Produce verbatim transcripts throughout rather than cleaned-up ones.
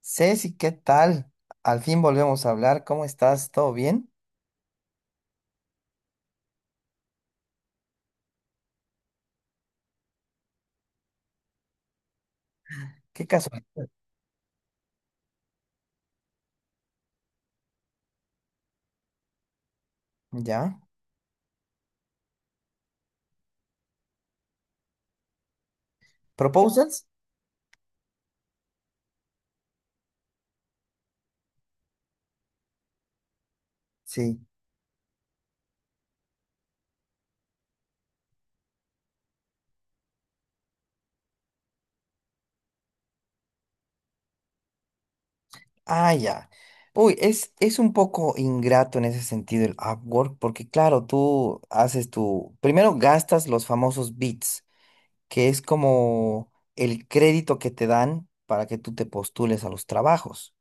Ceci, ¿qué tal? Al fin volvemos a hablar. ¿Cómo estás? ¿Todo bien? ¿Qué caso? ¿Ya? ¿Proposals? Sí. Ah, ya. Uy, es, es un poco ingrato en ese sentido el Upwork, porque claro, tú haces tu... Primero gastas los famosos bits, que es como el crédito que te dan para que tú te postules a los trabajos.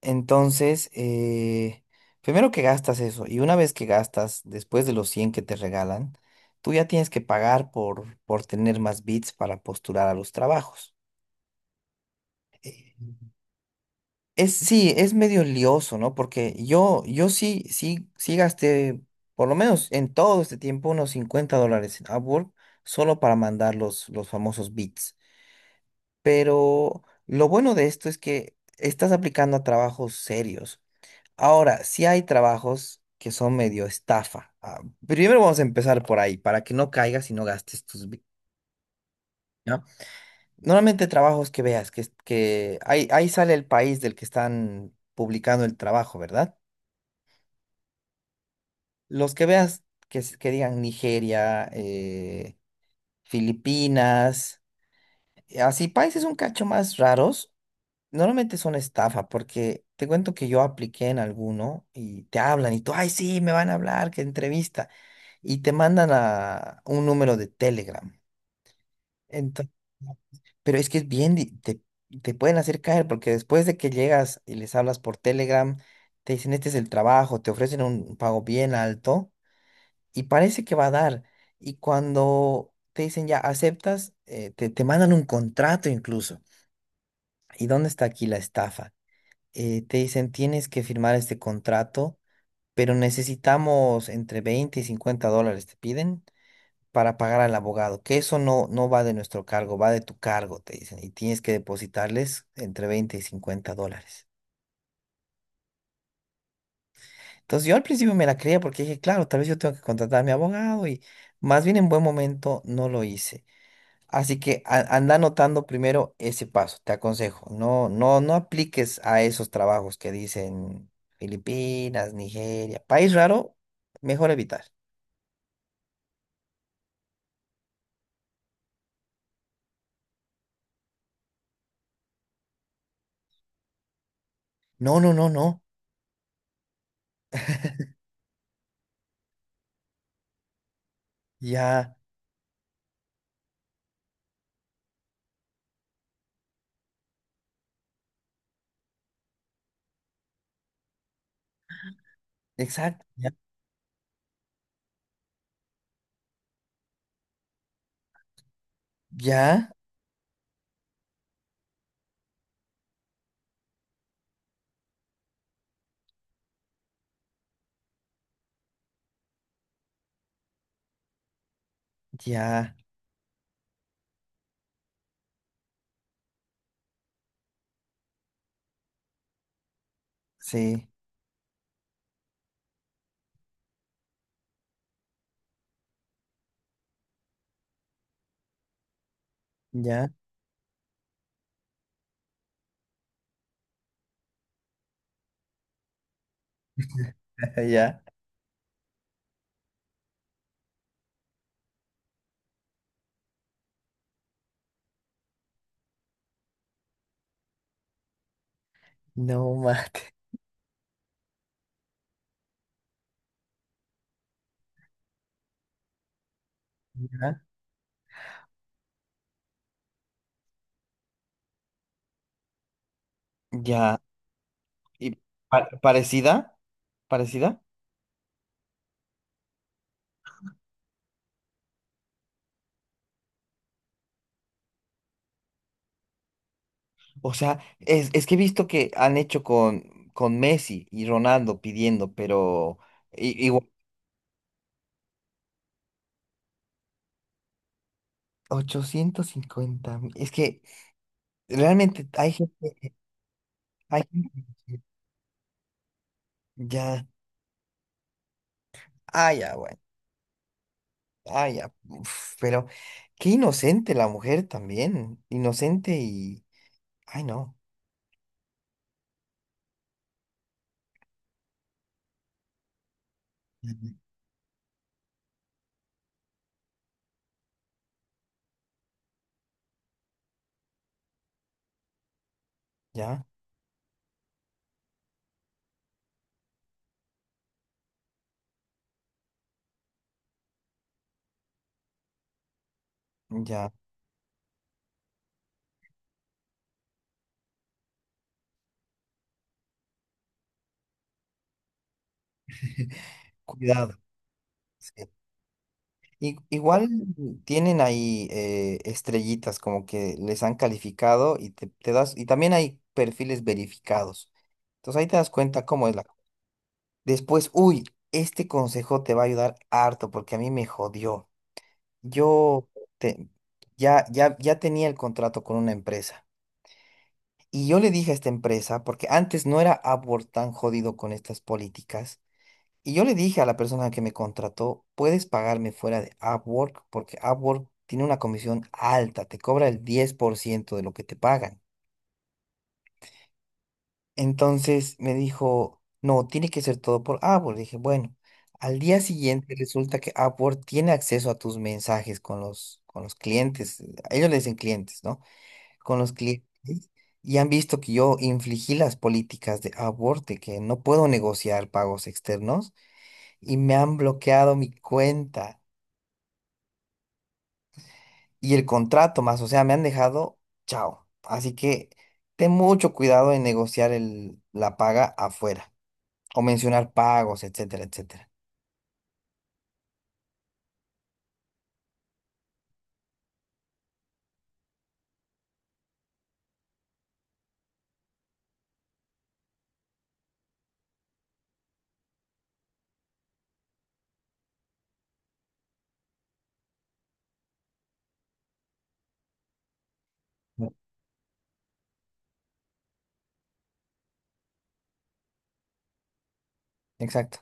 Entonces, eh, primero que gastas eso, y una vez que gastas, después de los cien que te regalan, tú ya tienes que pagar por, por tener más bits para postular a los trabajos. Eh, Es, sí, es medio lioso, ¿no? Porque yo, yo sí, sí, sí gasté, por lo menos en todo este tiempo, unos cincuenta dólares en Upwork solo para mandar los, los famosos bits. Pero lo bueno de esto es que estás aplicando a trabajos serios. Ahora, sí hay trabajos que son medio estafa. Ah, primero vamos a empezar por ahí, para que no caigas y no gastes tus... vi- ¿Ya? Normalmente trabajos que veas, que, es- que ahí, ahí sale el país del que están publicando el trabajo, ¿verdad? Los que veas que, s- que digan Nigeria, eh, Filipinas, eh, así países un cacho más raros. Normalmente es una estafa porque te cuento que yo apliqué en alguno y te hablan y tú, ay, sí, me van a hablar, que entrevista. Y te mandan a un número de Telegram. Entonces, pero es que es bien, di- te, te pueden hacer caer porque después de que llegas y les hablas por Telegram, te dicen, este es el trabajo, te ofrecen un pago bien alto y parece que va a dar. Y cuando te dicen ya aceptas, eh, te, te mandan un contrato incluso. ¿Y dónde está aquí la estafa? Eh, te dicen tienes que firmar este contrato, pero necesitamos entre veinte y cincuenta dólares, te piden, para pagar al abogado, que eso no, no va de nuestro cargo, va de tu cargo, te dicen, y tienes que depositarles entre veinte y cincuenta dólares. Entonces yo al principio me la creía porque dije, claro, tal vez yo tengo que contratar a mi abogado y más bien en buen momento no lo hice. Así que a- anda anotando primero ese paso, te aconsejo. No, no, no apliques a esos trabajos que dicen Filipinas, Nigeria, país raro, mejor evitar. No, no, no, no. Ya, exacto. Ya, ya, ya, sí, ya, ya. No mate. Ya, ya. Y pa- parecida, parecida. O sea, es, es que he visto que han hecho con, con Messi y Ronaldo pidiendo, pero. i- Igual ochocientos cincuenta. Es que realmente hay gente, hay gente que ya, ah, ya, bueno, ah, ya, uf, pero qué inocente la mujer también, inocente y, ay, no. Ujú. Ya, ya, cuidado. Sí. I- igual tienen ahí eh, estrellitas como que les han calificado y te, te das, y también hay perfiles verificados. Entonces ahí te das cuenta cómo es la. Después, uy, este consejo te va a ayudar harto porque a mí me jodió. Yo te- ya, ya, ya tenía el contrato con una empresa y yo le dije a esta empresa, porque antes no era Upwork tan jodido con estas políticas, y yo le dije a la persona que me contrató, puedes pagarme fuera de Upwork porque Upwork tiene una comisión alta, te cobra el diez por ciento de lo que te pagan. Entonces me dijo, no, tiene que ser todo por Upwork. Dije, bueno, al día siguiente resulta que Upwork tiene acceso a tus mensajes con los, con los clientes. eh, A ellos le dicen clientes, ¿no? Con los clientes. Y han visto que yo infligí las políticas de Upwork, de que no puedo negociar pagos externos, y me han bloqueado mi cuenta y el contrato más. O sea, me han dejado, chao. Así que ten mucho cuidado en negociar el, la paga afuera, o mencionar pagos, etcétera, etcétera. Mm. Exacto.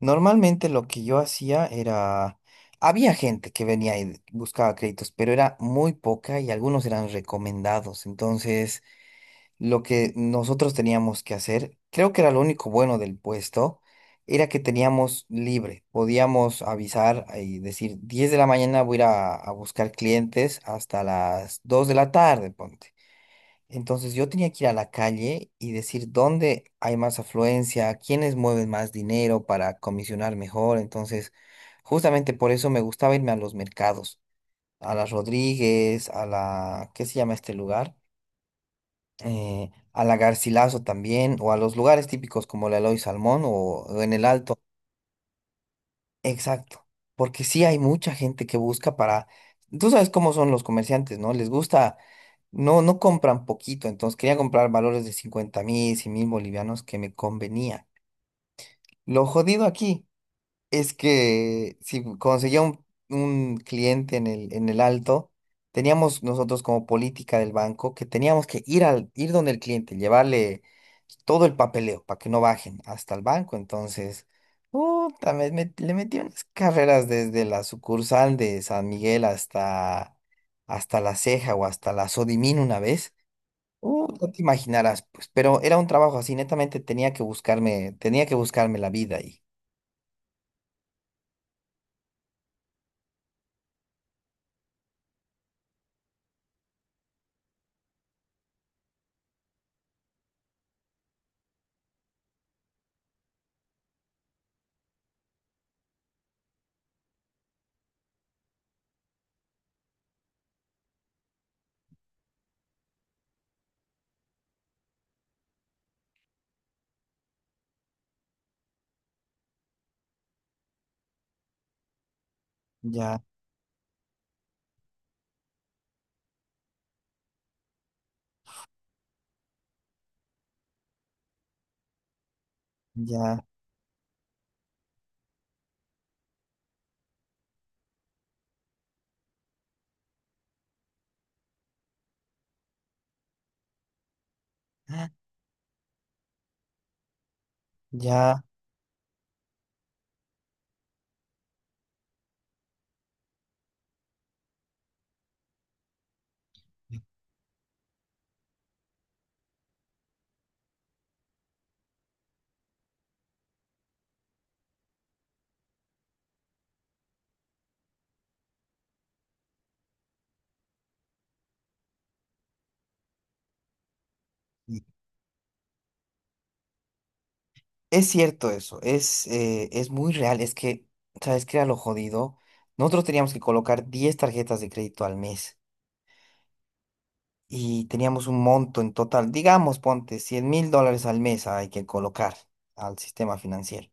Normalmente lo que yo hacía era, había gente que venía y buscaba créditos, pero era muy poca y algunos eran recomendados. Entonces, lo que nosotros teníamos que hacer, creo que era lo único bueno del puesto, era que teníamos libre. Podíamos avisar y decir, diez de la mañana voy a ir a, a buscar clientes hasta las dos de la tarde, ponte. Entonces yo tenía que ir a la calle y decir dónde hay más afluencia, quiénes mueven más dinero para comisionar mejor. Entonces, justamente por eso me gustaba irme a los mercados, a la Rodríguez, a la, ¿qué se llama este lugar? Eh, a la Garcilaso también, o a los lugares típicos como la Eloy Salmón o, o en el Alto. Exacto, porque sí hay mucha gente que busca para, tú sabes cómo son los comerciantes, ¿no? Les gusta, no, no compran poquito, entonces quería comprar valores de cincuenta mil, cien mil bolivianos que me convenía. Lo jodido aquí es que si conseguía un, un cliente en el, en el alto, teníamos nosotros como política del banco que teníamos que ir al, ir donde el cliente, llevarle todo el papeleo para que no bajen hasta el banco. Entonces, puta, me- me- le metí unas carreras desde la sucursal de San Miguel hasta, hasta La Ceja o hasta la Sodimín una vez. Uh, no te imaginarás, pues, pero era un trabajo así, netamente tenía que buscarme, tenía que buscarme la vida ahí. Ya, ya. Ya, y es cierto eso, es, eh, es muy real, es que, ¿sabes qué era lo jodido? Nosotros teníamos que colocar diez tarjetas de crédito al mes y teníamos un monto en total, digamos, ponte cien mil dólares al mes hay que colocar al sistema financiero.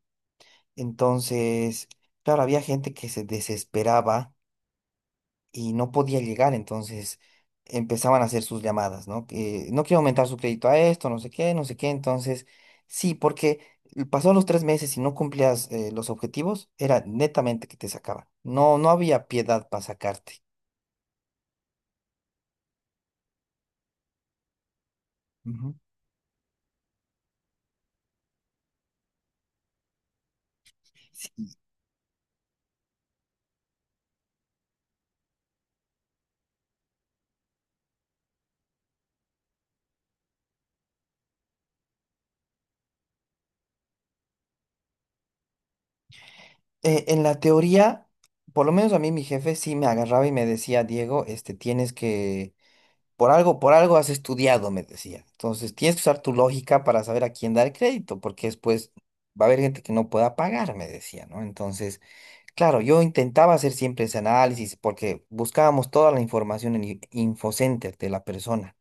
Entonces, claro, había gente que se desesperaba y no podía llegar, entonces empezaban a hacer sus llamadas, ¿no? Que no quiero aumentar su crédito a esto, no sé qué, no sé qué, entonces sí, porque pasó los tres meses y no cumplías eh, los objetivos, era netamente que te sacaban, no, no había piedad para sacarte. Ujú. Sí, eh, en la teoría, por lo menos a mí mi jefe sí me agarraba y me decía, Diego, este, tienes que por algo, por algo has estudiado, me decía. Entonces, tienes que usar tu lógica para saber a quién dar crédito, porque después va a haber gente que no pueda pagar, me decía, ¿no? Entonces, claro, yo intentaba hacer siempre ese análisis porque buscábamos toda la información en i- Infocenter de la persona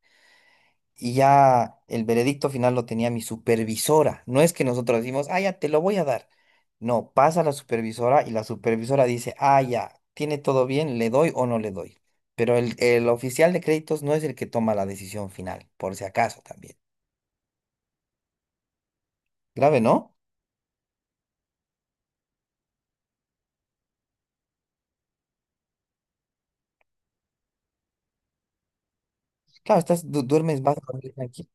y ya el veredicto final lo tenía mi supervisora. No es que nosotros decimos, ah, ya te lo voy a dar. No, pasa la supervisora y la supervisora dice, ah, ya, tiene todo bien, le doy o no le doy. Pero el, el oficial de créditos no es el que toma la decisión final, por si acaso también. Grave, ¿no? Claro, estás, du- duermes más tranquilo.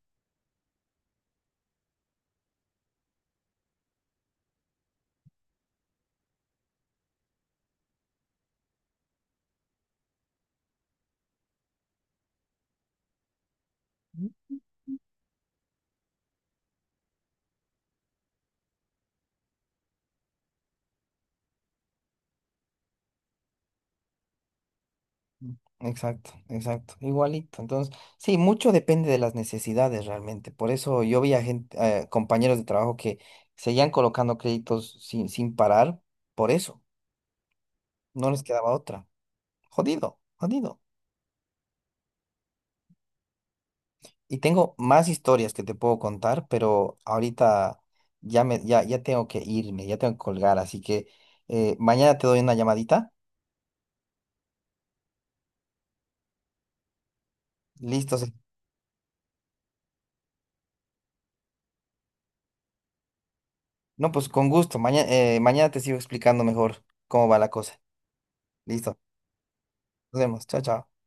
Exacto, exacto, igualito. Entonces, sí, mucho depende de las necesidades realmente. Por eso yo vi a gente, eh, compañeros de trabajo que seguían colocando créditos sin, sin parar, por eso, no les quedaba otra. Jodido, jodido. Y tengo más historias que te puedo contar, pero ahorita ya me, ya, ya tengo que irme, ya tengo que colgar, así que eh, mañana te doy una llamadita. Listo. Sí. No, pues con gusto. Mañana, mañana te sigo explicando mejor cómo va la cosa. Listo. Nos vemos. Chao, chao.